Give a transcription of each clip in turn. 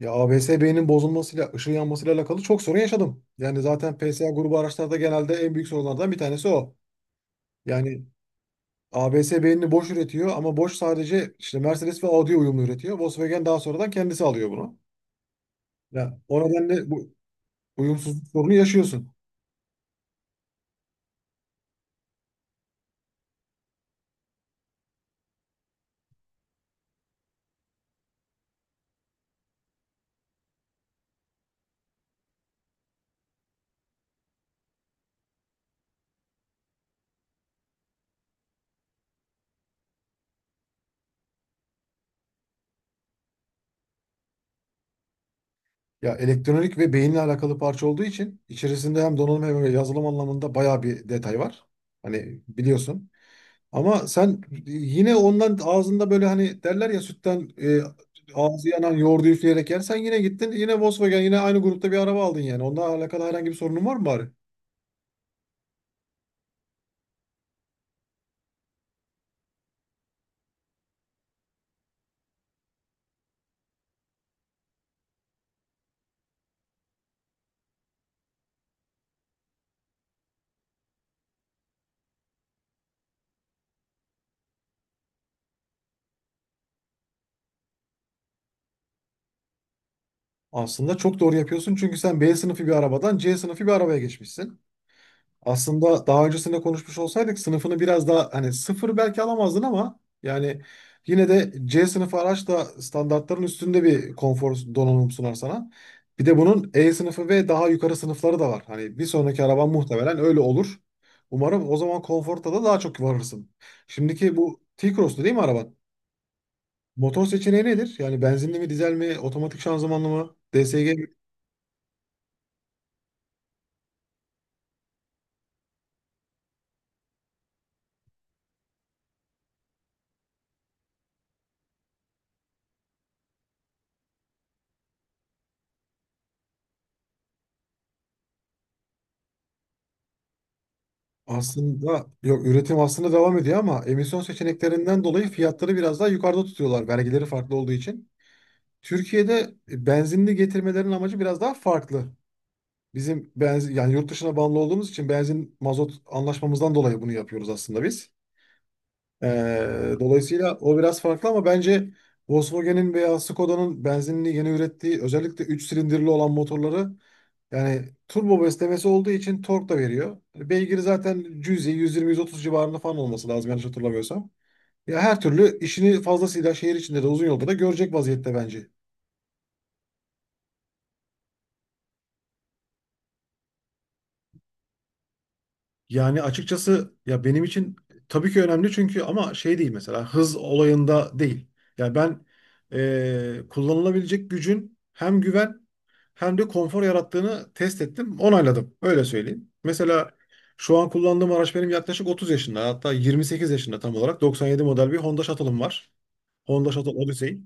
Ya ABS-B'nin bozulmasıyla, ışığı yanmasıyla alakalı çok sorun yaşadım. Yani zaten PSA grubu araçlarda genelde en büyük sorunlardan bir tanesi o. Yani ABS beynini boş üretiyor ama boş sadece işte Mercedes ve Audi uyumlu üretiyor. Volkswagen daha sonradan kendisi alıyor bunu. Ya o nedenle bu uyumsuzluk sorunu yaşıyorsun. Ya elektronik ve beyinle alakalı parça olduğu için içerisinde hem donanım hem yazılım anlamında bayağı bir detay var. Hani biliyorsun. Ama sen yine ondan ağzında böyle hani derler ya sütten ağzı yanan yoğurdu üfleyerek yersen yine gittin yine Volkswagen yine aynı grupta bir araba aldın yani. Onunla alakalı herhangi bir sorunun var mı bari? Aslında çok doğru yapıyorsun çünkü sen B sınıfı bir arabadan C sınıfı bir arabaya geçmişsin. Aslında daha öncesinde konuşmuş olsaydık sınıfını biraz daha hani sıfır belki alamazdın ama yani yine de C sınıfı araç da standartların üstünde bir konfor donanım sunar sana. Bir de bunun E sınıfı ve daha yukarı sınıfları da var. Hani bir sonraki araban muhtemelen öyle olur. Umarım o zaman konforta da daha çok varırsın. Şimdiki bu T-Cross'tu değil mi araban? Motor seçeneği nedir? Yani benzinli mi, dizel mi, otomatik şanzımanlı mı, DSG. Aslında yok üretim aslında devam ediyor ama emisyon seçeneklerinden dolayı fiyatları biraz daha yukarıda tutuyorlar vergileri farklı olduğu için. Türkiye'de benzinli getirmelerin amacı biraz daha farklı. Bizim benzin yani yurt dışına bağımlı olduğumuz için benzin mazot anlaşmamızdan dolayı bunu yapıyoruz aslında biz. Dolayısıyla o biraz farklı ama bence Volkswagen'in veya Skoda'nın benzinli yeni ürettiği özellikle 3 silindirli olan motorları yani turbo beslemesi olduğu için tork da veriyor. Beygiri zaten cüzi 120-130 civarında falan olması lazım yanlış hatırlamıyorsam. Ya her türlü işini fazlasıyla şehir içinde de uzun yolda da görecek vaziyette bence. Yani açıkçası ya benim için tabii ki önemli çünkü ama şey değil mesela hız olayında değil. Yani ben kullanılabilecek gücün hem güven hem de konfor yarattığını test ettim, onayladım. Öyle söyleyeyim. Mesela şu an kullandığım araç benim yaklaşık 30 yaşında hatta 28 yaşında tam olarak 97 model bir Honda Shuttle'ım var. Honda Shuttle Odyssey.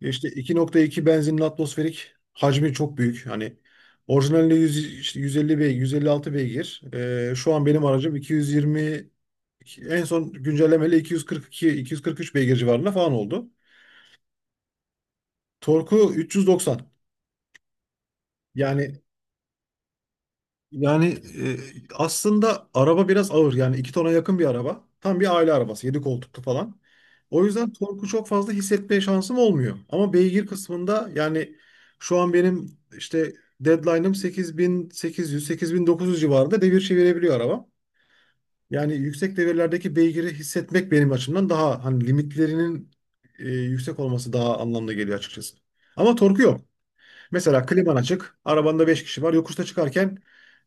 Ya İşte 2,2 benzinin atmosferik hacmi çok büyük. Hani orijinalinde 100, işte 150 beygir, 156 beygir. Şu an benim aracım 220, en son güncellemeyle 242, 243 beygir civarında falan oldu. Torku 390. Yani Yani e, aslında araba biraz ağır. Yani 2 tona yakın bir araba. Tam bir aile arabası, 7 koltuklu falan. O yüzden torku çok fazla hissetmeye şansım olmuyor. Ama beygir kısmında yani şu an benim işte deadline'ım 8.800, 8.900 civarında devir çevirebiliyor araba. Yani yüksek devirlerdeki beygiri hissetmek benim açımdan daha hani limitlerinin yüksek olması daha anlamlı geliyor açıkçası. Ama torku yok. Mesela kliman açık, arabanda 5 kişi var. Yokuşta çıkarken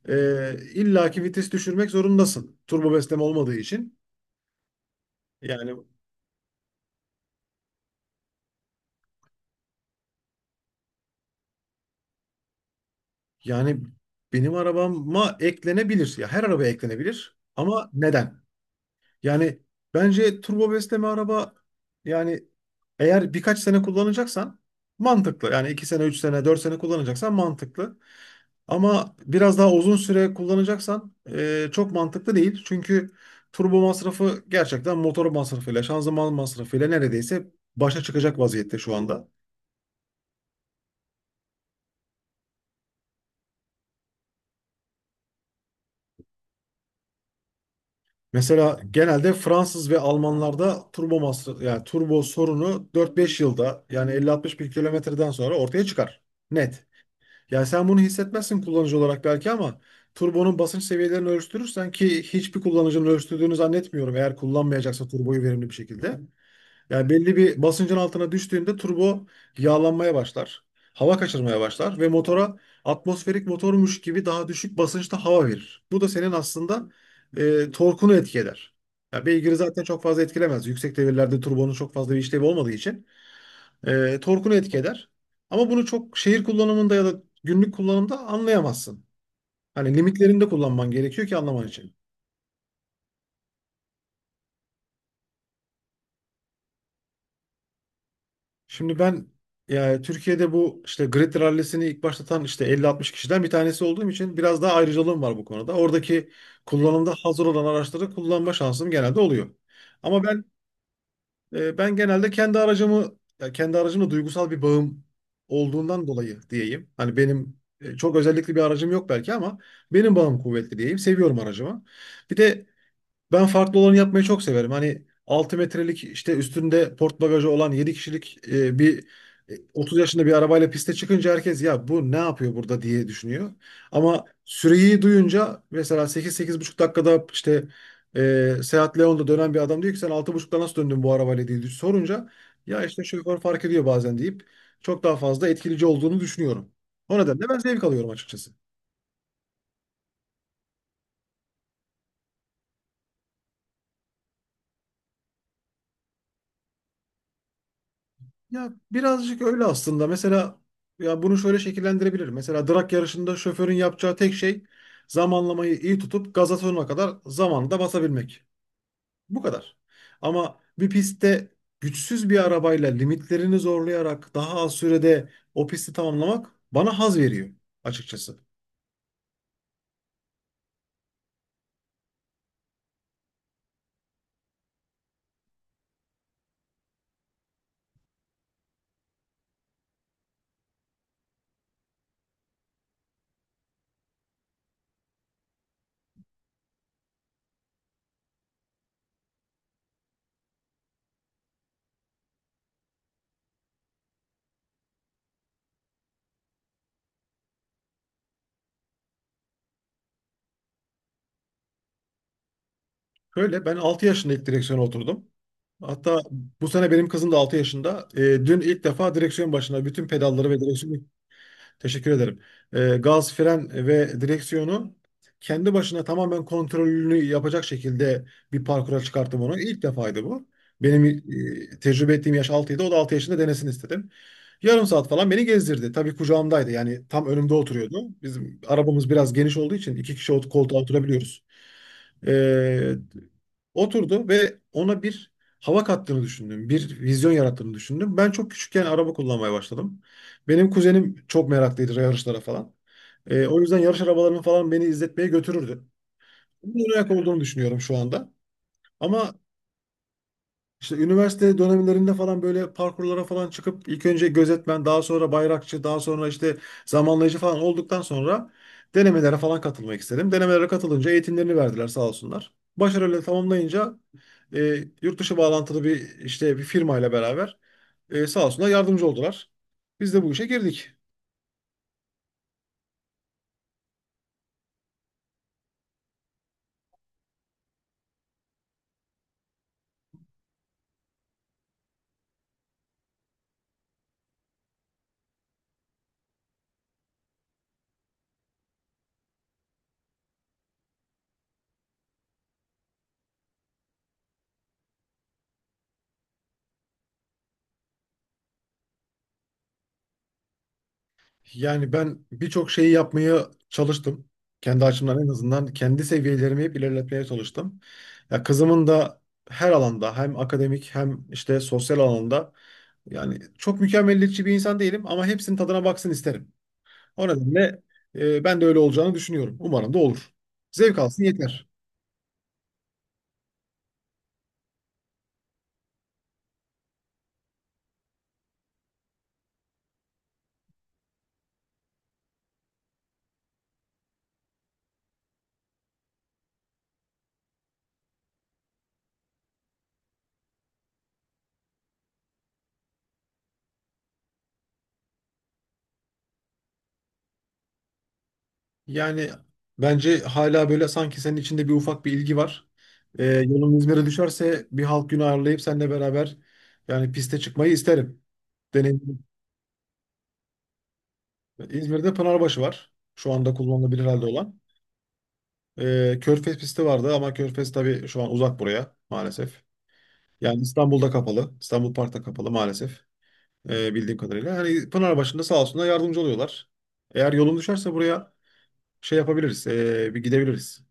illaki vites düşürmek zorundasın. Turbo besleme olmadığı için. Yani yani benim arabama eklenebilir. Ya her araba eklenebilir. Ama neden? Yani bence turbo besleme araba yani eğer birkaç sene kullanacaksan mantıklı. Yani 2 sene, 3 sene, 4 sene kullanacaksan mantıklı. Ama biraz daha uzun süre kullanacaksan çok mantıklı değil. Çünkü turbo masrafı gerçekten motor masrafıyla, şanzıman masrafıyla neredeyse başa çıkacak vaziyette şu anda. Mesela genelde Fransız ve Almanlarda turbo masraf yani turbo sorunu 4-5 yılda yani 50-60 bin kilometreden sonra ortaya çıkar. Net. Yani sen bunu hissetmezsin kullanıcı olarak belki ama turbonun basınç seviyelerini ölçtürürsen ki hiçbir kullanıcının ölçtürdüğünü zannetmiyorum eğer kullanmayacaksa turboyu verimli bir şekilde. Yani belli bir basıncın altına düştüğünde turbo yağlanmaya başlar. Hava kaçırmaya başlar ve motora atmosferik motormuş gibi daha düşük basınçta hava verir. Bu da senin aslında torkunu etki eder. Ya beygiri zaten çok fazla etkilemez. Yüksek devirlerde turbonun çok fazla bir işlevi olmadığı için torkunu etki eder. Ama bunu çok şehir kullanımında ya da günlük kullanımda anlayamazsın. Hani limitlerinde kullanman gerekiyor ki anlaman için. Şimdi ben yani Türkiye'de bu işte grid rallisini ilk başlatan işte 50-60 kişiden bir tanesi olduğum için biraz daha ayrıcalığım var bu konuda. Oradaki kullanımda hazır olan araçları kullanma şansım genelde oluyor. Ama ben genelde kendi aracımı ya kendi aracımla duygusal bir bağım olduğundan dolayı diyeyim. Hani benim çok özellikli bir aracım yok belki ama benim bağım kuvvetli diyeyim. Seviyorum aracımı. Bir de ben farklı olanı yapmayı çok severim. Hani 6 metrelik işte üstünde port bagajı olan 7 kişilik bir 30 yaşında bir arabayla piste çıkınca herkes ya bu ne yapıyor burada diye düşünüyor. Ama süreyi duyunca mesela 8 buçuk dakikada işte Seat Leon'da dönen bir adam diyor ki sen altı buçukta nasıl döndün bu arabayla diye sorunca ya işte şoför fark ediyor bazen deyip çok daha fazla etkileyici olduğunu düşünüyorum. O nedenle ben zevk alıyorum açıkçası. Ya birazcık öyle aslında. Mesela ya bunu şöyle şekillendirebilirim. Mesela drag yarışında şoförün yapacağı tek şey zamanlamayı iyi tutup gaza sonuna kadar zamanında basabilmek. Bu kadar. Ama bir pistte güçsüz bir arabayla limitlerini zorlayarak daha az sürede o pisti tamamlamak bana haz veriyor açıkçası. Şöyle ben 6 yaşında ilk direksiyona oturdum. Hatta bu sene benim kızım da 6 yaşında. Dün ilk defa direksiyon başına bütün pedalları ve direksiyon. Teşekkür ederim. Gaz, fren ve direksiyonu kendi başına tamamen kontrolünü yapacak şekilde bir parkura çıkarttım onu. İlk defaydı bu. Benim tecrübe ettiğim yaş altıydı. O da 6 yaşında denesin istedim. Yarım saat falan beni gezdirdi. Tabii kucağımdaydı. Yani tam önümde oturuyordu. Bizim arabamız biraz geniş olduğu için iki kişi koltuğa oturabiliyoruz. Ee, Oturdu ve ona bir hava kattığını düşündüm. Bir vizyon yarattığını düşündüm. Ben çok küçükken araba kullanmaya başladım. Benim kuzenim çok meraklıydı yarışlara falan. O yüzden yarış arabalarını falan beni izletmeye götürürdü. Bunun ayak olduğunu düşünüyorum şu anda. Ama işte üniversite dönemlerinde falan böyle parkurlara falan çıkıp ilk önce gözetmen, daha sonra bayrakçı, daha sonra işte zamanlayıcı falan olduktan sonra denemelere falan katılmak istedim. Denemelere katılınca eğitimlerini verdiler sağ olsunlar. Başarıyla tamamlayınca yurt dışı bağlantılı bir işte bir firmayla beraber sağ olsunlar yardımcı oldular. Biz de bu işe girdik. Yani ben birçok şeyi yapmaya çalıştım. Kendi açımdan en azından kendi seviyelerimi hep ilerletmeye çalıştım. Ya kızımın da her alanda hem akademik hem işte sosyal alanda yani çok mükemmeliyetçi bir insan değilim ama hepsinin tadına baksın isterim. O nedenle ben de öyle olacağını düşünüyorum. Umarım da olur. Zevk alsın yeter. Yani bence hala böyle sanki senin içinde bir ufak bir ilgi var. Yolun İzmir'e düşerse bir halk günü ayarlayıp seninle beraber yani piste çıkmayı isterim. Deneyim. İzmir'de Pınarbaşı var. Şu anda kullanılabilir halde olan. Körfez pisti vardı ama Körfez tabii şu an uzak buraya maalesef. Yani İstanbul'da kapalı. İstanbul Park'ta kapalı maalesef. Bildiğim kadarıyla. Hani Pınarbaşı'nda sağ olsunlar yardımcı oluyorlar. Eğer yolun düşerse buraya şey yapabiliriz. Bir gidebiliriz.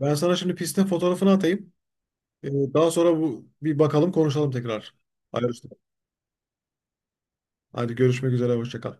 Ben sana şimdi pistin fotoğrafını atayım. Ee, Daha sonra bu bir bakalım konuşalım tekrar. Ayrıştık. Hadi görüşmek üzere. Hoşça kal.